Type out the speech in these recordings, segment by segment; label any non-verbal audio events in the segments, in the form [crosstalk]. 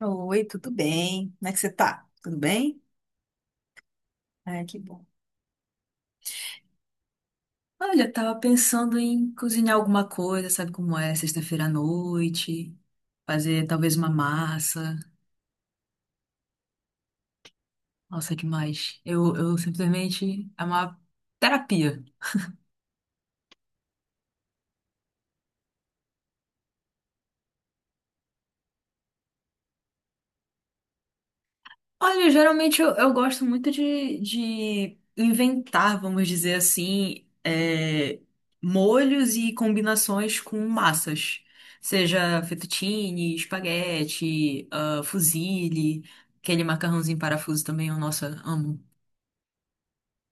Oi, tudo bem? Como é que você tá? Tudo bem? Ai, que bom. Olha, eu tava pensando em cozinhar alguma coisa, sabe como é? Sexta-feira à noite, fazer talvez uma massa. Nossa, que mais? Eu simplesmente. É uma terapia. Olha, geralmente eu gosto muito de inventar, vamos dizer assim, molhos e combinações com massas. Seja fettuccine, espaguete, ah, fusilli, aquele macarrãozinho em parafuso também, eu, nossa, amo.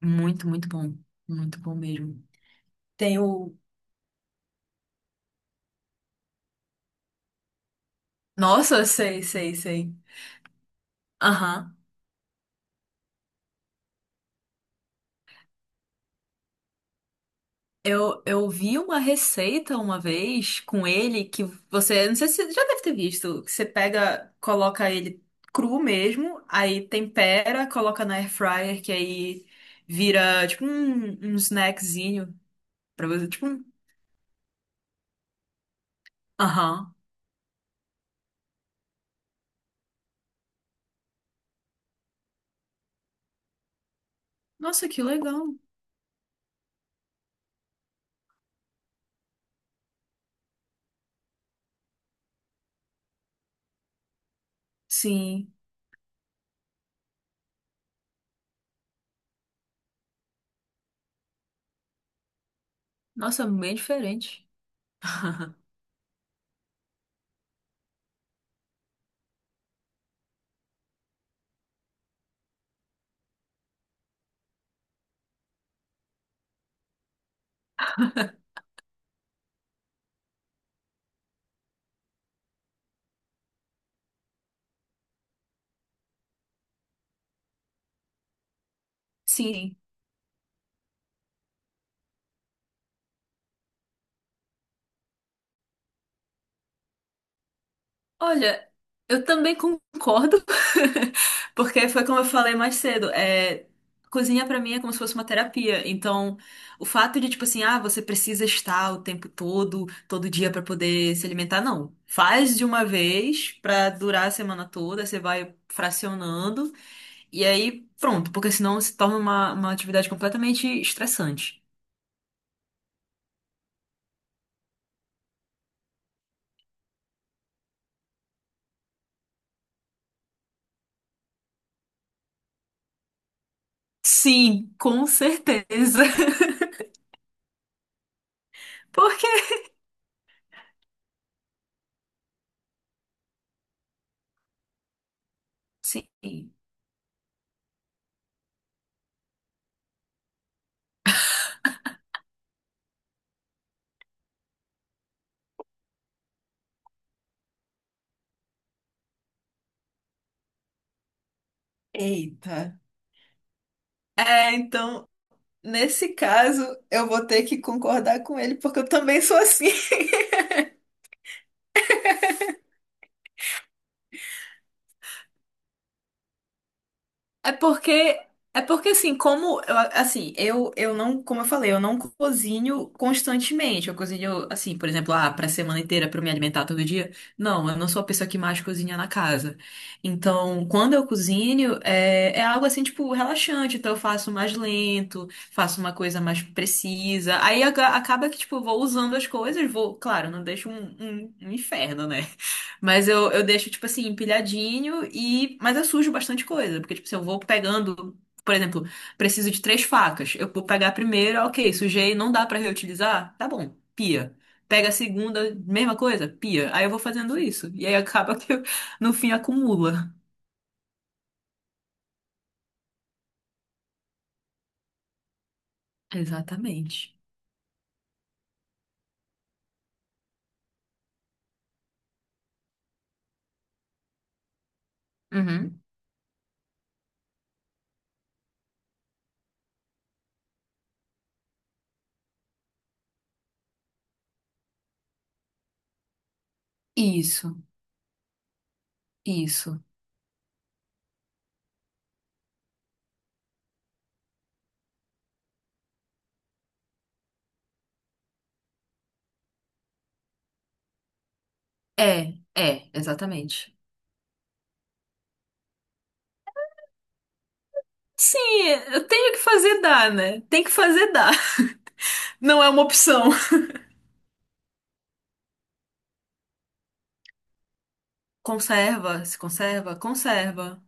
Muito, muito bom. Muito bom mesmo. Tem o... Nossa, sei, sei, sei. Aham. Eu vi uma receita uma vez com ele que você, não sei se você já deve ter visto, que você pega, coloca ele cru mesmo, aí tempera, coloca na air fryer, que aí vira tipo um snackzinho pra você, tipo um... Aham. Nossa, que legal. Sim. Nossa, bem diferente. [laughs] Sim. Olha, eu também concordo, [laughs] porque foi como eu falei mais cedo, cozinha pra mim é como se fosse uma terapia. Então, o fato de tipo assim, ah, você precisa estar o tempo todo, todo dia pra poder se alimentar, não. Faz de uma vez pra durar a semana toda, você vai fracionando e aí pronto, porque senão se torna uma atividade completamente estressante. Sim, com certeza. [laughs] Porque sim. Eita. É, então, nesse caso, eu vou ter que concordar com ele, porque eu também sou assim. [laughs] É porque, é porque assim, como eu, assim, eu não, como eu falei, eu não cozinho constantemente. Eu cozinho, assim, por exemplo, ah, pra semana inteira pra eu me alimentar todo dia. Não, eu não sou a pessoa que mais cozinha na casa. Então, quando eu cozinho, é algo assim, tipo, relaxante. Então, eu faço mais lento, faço uma coisa mais precisa. Acaba que, tipo, eu vou usando as coisas, vou, claro, não deixo um, um inferno, né? Mas eu deixo, tipo assim, empilhadinho e. Mas eu sujo bastante coisa. Porque, tipo, se eu vou pegando, por exemplo, preciso de três facas. Eu vou pegar a primeira, ok, sujei, não dá pra reutilizar? Tá bom, pia. Pega a segunda, mesma coisa, pia. Aí eu vou fazendo isso. E aí acaba que eu, no fim acumula. Exatamente. Uhum. Isso, isso. É, é, exatamente. Sim, eu tenho que fazer dar, né? Tem que fazer dar. [laughs] Não é uma opção. Conserva, se conserva, conserva.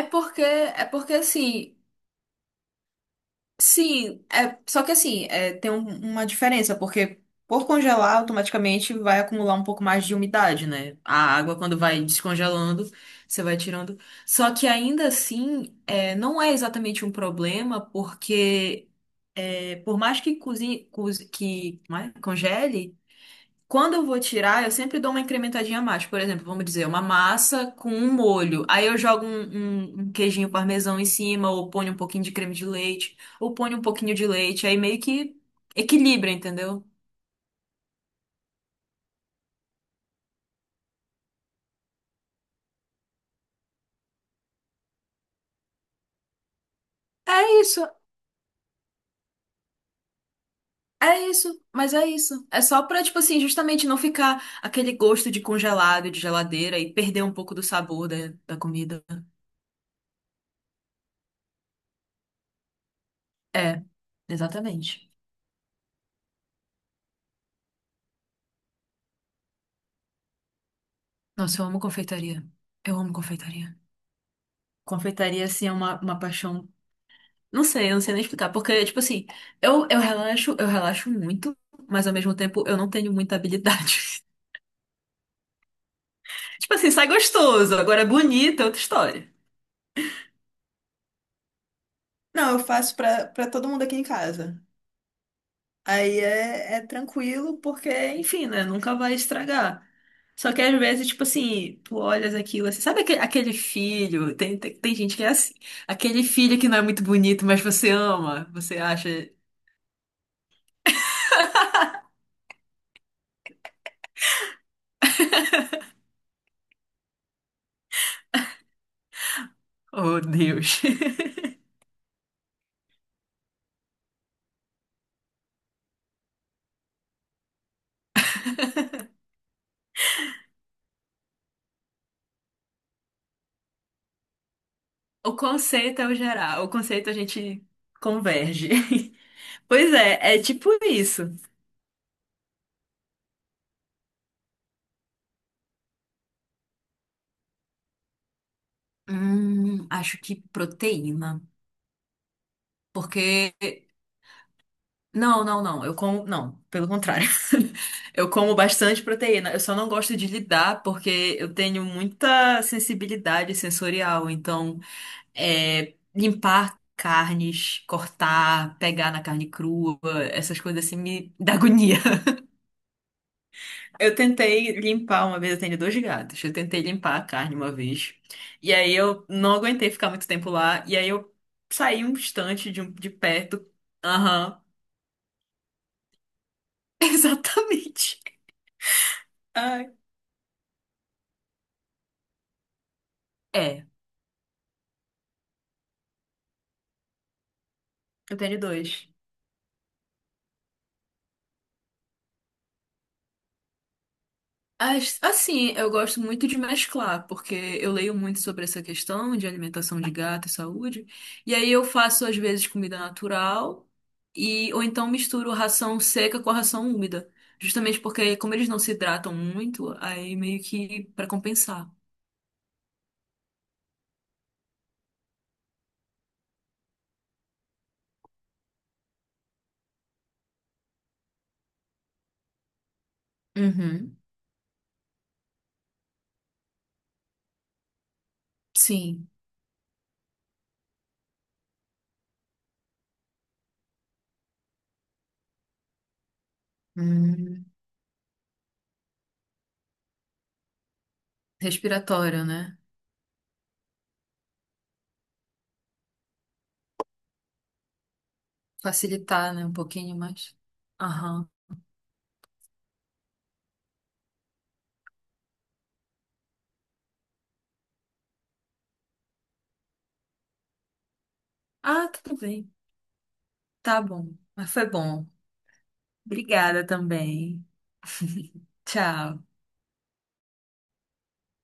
É porque assim, sim, só que assim, tem uma diferença, porque por congelar, automaticamente vai acumular um pouco mais de umidade, né? A água, quando vai descongelando, você vai tirando. Só que ainda assim, não é exatamente um problema, porque por mais que como é? Congele, quando eu vou tirar, eu sempre dou uma incrementadinha a mais. Por exemplo, vamos dizer, uma massa com um molho. Aí eu jogo um, um queijinho parmesão em cima, ou ponho um pouquinho de creme de leite, ou ponho um pouquinho de leite. Aí meio que equilibra, entendeu? É isso, mas é isso. É só pra, tipo assim, justamente não ficar aquele gosto de congelado, de geladeira e perder um pouco do sabor da, da comida. É, exatamente. Nossa, eu amo confeitaria. Eu amo confeitaria. Confeitaria, assim, é uma paixão. Não sei, eu não sei nem explicar. Porque, tipo assim, eu relaxo, eu relaxo muito, mas ao mesmo tempo eu não tenho muita habilidade. [laughs] Tipo assim, sai gostoso, agora é bonito, é outra história. Não, eu faço pra, pra todo mundo aqui em casa. Aí é, é tranquilo, porque, enfim, né? Nunca vai estragar. Só que às vezes, tipo assim, tu olhas aquilo assim. Sabe aquele, aquele filho? Tem gente que é assim. Aquele filho que não é muito bonito, mas você ama. Você acha, oh Deus. [laughs] O conceito é o geral, o conceito a gente converge. [laughs] Pois é, é tipo isso. Acho que proteína, porque não, não, não, eu como, não, pelo contrário. [laughs] Eu como bastante proteína, eu só não gosto de lidar porque eu tenho muita sensibilidade sensorial, então limpar carnes, cortar, pegar na carne crua, essas coisas assim me dá agonia. Eu tentei limpar uma vez, eu tenho dois gatos. Eu tentei limpar a carne uma vez. E aí eu não aguentei ficar muito tempo lá. E aí eu saí um instante de, de perto. Aham, [laughs] exatamente. Ai. É, eu tenho dois. Assim, eu gosto muito de mesclar, porque eu leio muito sobre essa questão de alimentação de gato e saúde. E aí eu faço, às vezes, comida natural, e ou então misturo ração seca com a ração úmida. Justamente porque, como eles não se hidratam muito, aí meio que para compensar. Uhum, sim. Hum, respiratório, né? Facilitar, né, um pouquinho mais. Aham. Ah, tudo bem. Tá bom, mas foi bom. Obrigada também. [laughs] Tchau.